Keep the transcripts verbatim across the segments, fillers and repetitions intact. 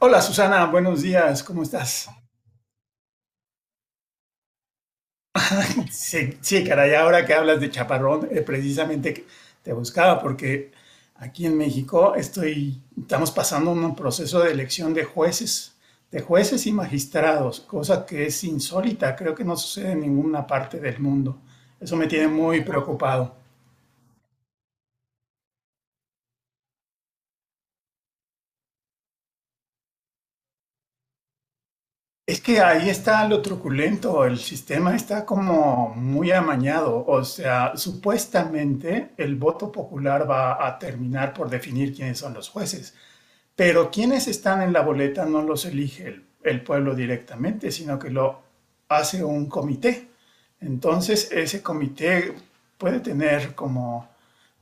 Hola Susana, buenos días, ¿cómo estás? Sí, sí, caray, ahora que hablas de chaparrón, eh, precisamente te buscaba porque aquí en México estoy, estamos pasando un proceso de elección de jueces, de jueces y magistrados, cosa que es insólita, creo que no sucede en ninguna parte del mundo. Eso me tiene muy preocupado. Es que ahí está lo truculento, el sistema está como muy amañado, o sea, supuestamente el voto popular va a terminar por definir quiénes son los jueces, pero quienes están en la boleta no los elige el, el pueblo directamente, sino que lo hace un comité. Entonces, ese comité puede tener como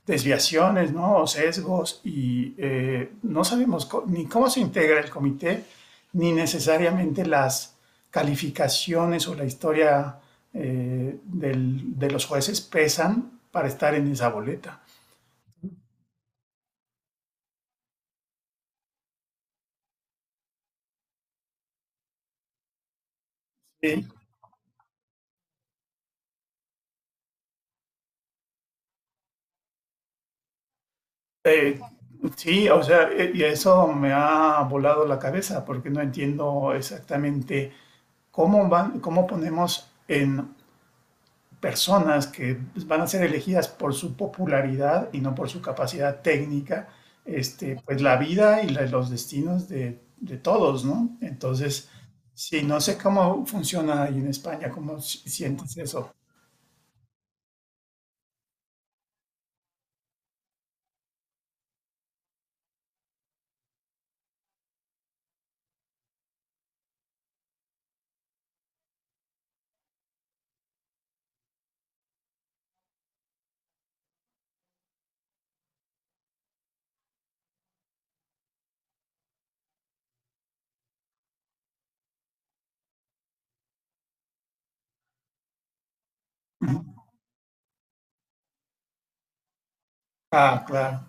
desviaciones, ¿no? O sesgos y eh, no sabemos ni cómo se integra el comité, ni necesariamente las calificaciones o la historia eh, del, de los jueces pesan para estar en esa boleta. Eh, eh, sí, o sea, eh, y eso me ha volado la cabeza porque no entiendo exactamente cómo, van, cómo ponemos en personas que van a ser elegidas por su popularidad y no por su capacidad técnica, este, pues la vida y la- los destinos de, de todos, ¿no? Entonces, sí, no sé cómo funciona ahí en España, cómo si- sientes eso. Ujú. Ah, claro.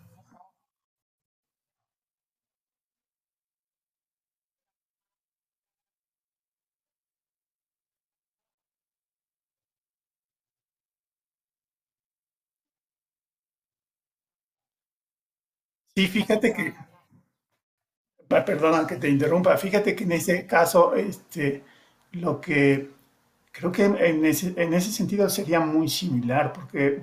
Sí, fíjate que, pa- perdona que te interrumpa, fíjate que en ese caso, este, lo que Creo que en ese, en ese sentido sería muy similar, porque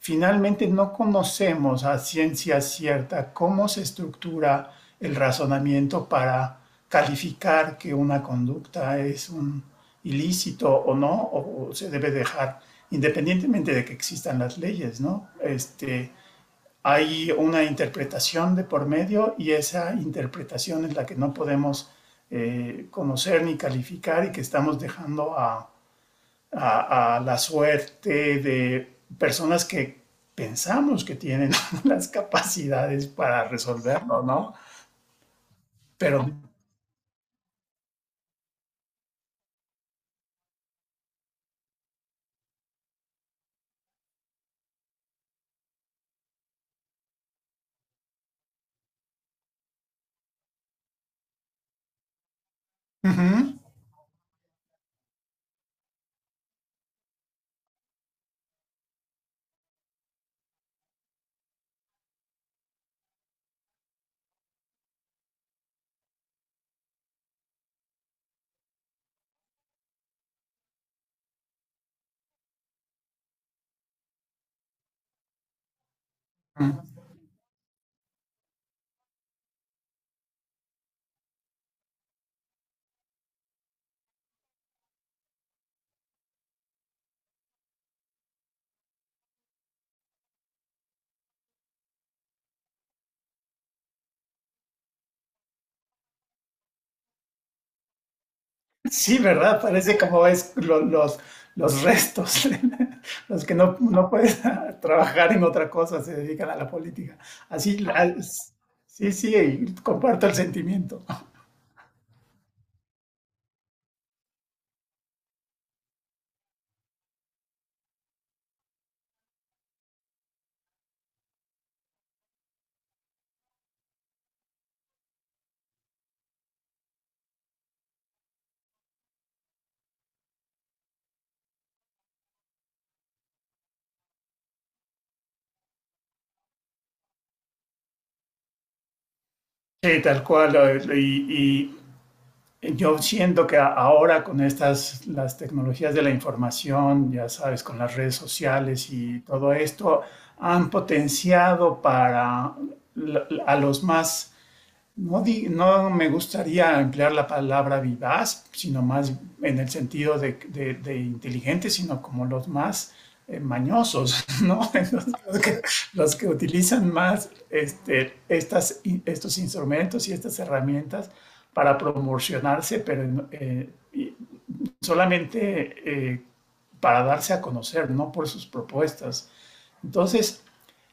finalmente no conocemos a ciencia cierta cómo se estructura el razonamiento para calificar que una conducta es un ilícito o no, o, o se debe dejar, independientemente de que existan las leyes, ¿no? Este, hay una interpretación de por medio y esa interpretación es la que no podemos eh, conocer ni calificar y que estamos dejando a a, a la suerte de personas que pensamos que tienen las capacidades para resolverlo, ¿no? Pero uh -huh, uh -huh. Sí, ¿verdad? Parece como ves lo, los, los restos, los que no, no pueden trabajar en otra cosa, se dedican a la política. Así, las, sí, sí, y comparto el sentimiento. Sí, tal cual. Y, y, Yo siento que a- ahora con estas, las tecnologías de la información, ya sabes, con las redes sociales y todo esto, han potenciado para la- a los más no, di- no me gustaría emplear la palabra vivaz, sino más en el sentido de, de- de inteligente, sino como los más eh, mañosos, ¿no? Los, los que, los que utilizan más este, estas, in- estos instrumentos y estas herramientas para promocionarse, pero en- eh, y solamente eh, para darse a conocer, no por sus propuestas. Entonces,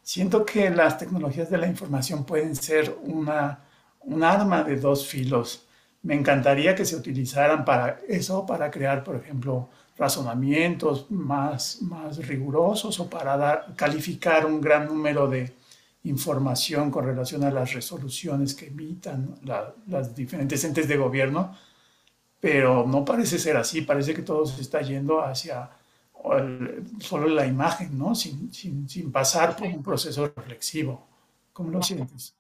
siento que las tecnologías de la información pueden ser una, un arma de dos filos. Me encantaría que se utilizaran para eso, para crear, por ejemplo, razonamientos más, más rigurosos o para dar- calificar un gran número de información con relación a las resoluciones que emitan la- las diferentes entes de gobierno, pero no parece ser así, parece que todo se está yendo hacia el, solo la imagen, ¿no? Sin, sin, sin, pasar por un proceso reflexivo. ¿Cómo lo sientes?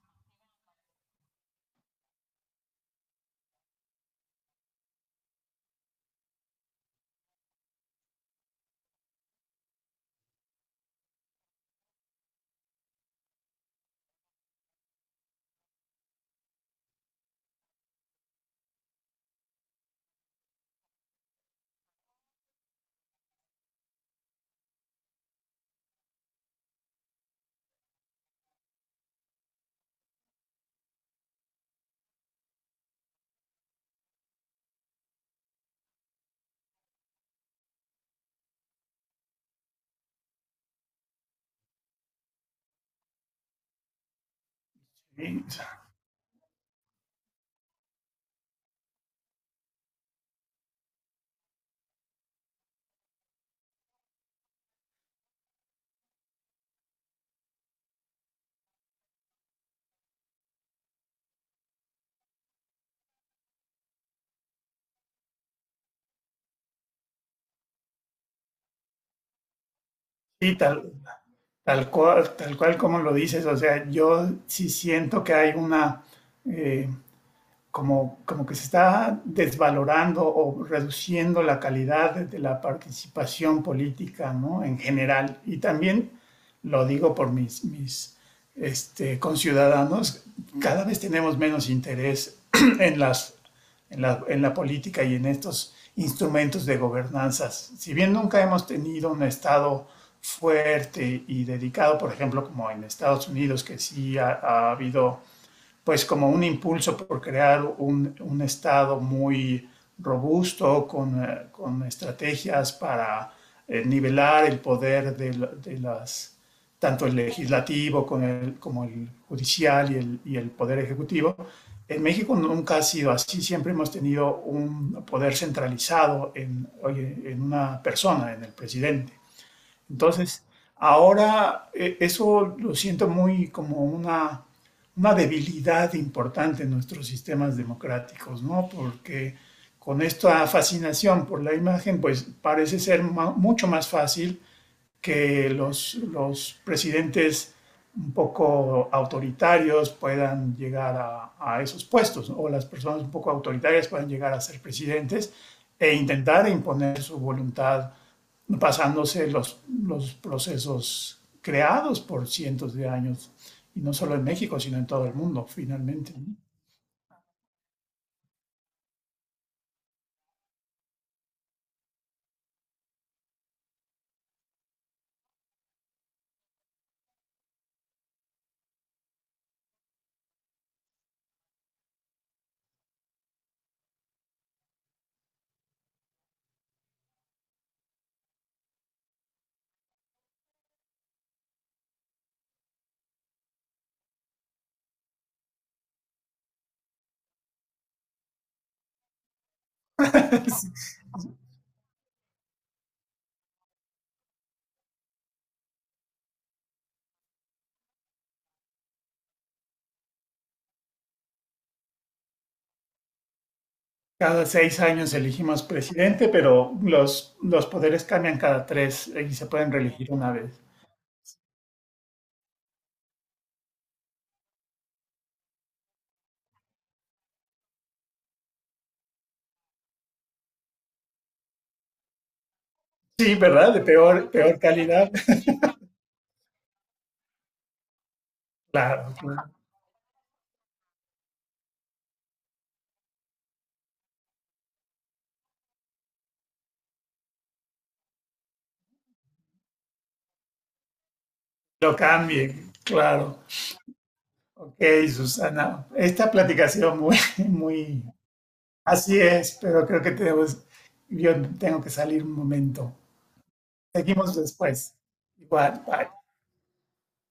Y, y tal, tal, cual, tal cual como lo dices, o sea, yo sí siento que hay una... Eh, como, como que se está desvalorando o reduciendo la calidad de la participación política, ¿no? En general. Y también lo digo por mis, mis este, conciudadanos, cada vez tenemos menos interés en, las, en, la, en la política y en estos instrumentos de gobernanzas. Si bien nunca hemos tenido un Estado fuerte y dedicado, por ejemplo, como en Estados Unidos, que sí ha, ha habido pues como un impulso por crear un, un Estado muy robusto, con, eh, con estrategias para eh, nivelar el poder de, de, las, tanto el legislativo con el, como el judicial y el, y el poder ejecutivo. En México nunca ha sido así, siempre hemos tenido un poder centralizado en, en una persona, en el presidente. Entonces, ahora eh, eso lo siento muy como una, una debilidad importante en nuestros sistemas democráticos, ¿no? Porque con esta fascinación por la imagen, pues parece ser ma- mucho más fácil que los, los presidentes un poco autoritarios puedan llegar a, a esos puestos, ¿no? O las personas un poco autoritarias puedan llegar a ser presidentes e intentar imponer su voluntad pasándose los, los procesos creados por cientos de años, y no solo en México, sino en todo el mundo, finalmente. ¿No? Cada seis años elegimos presidente, pero los, los poderes cambian cada tres eh, y se pueden reelegir una vez. Sí, ¿verdad? De peor, peor calidad. Claro, claro. Lo cambien, claro. Ok, Susana. Esta platicación muy, muy, así es, pero creo que tenemos, yo tengo que salir un momento. Seguimos después. Igual, bye.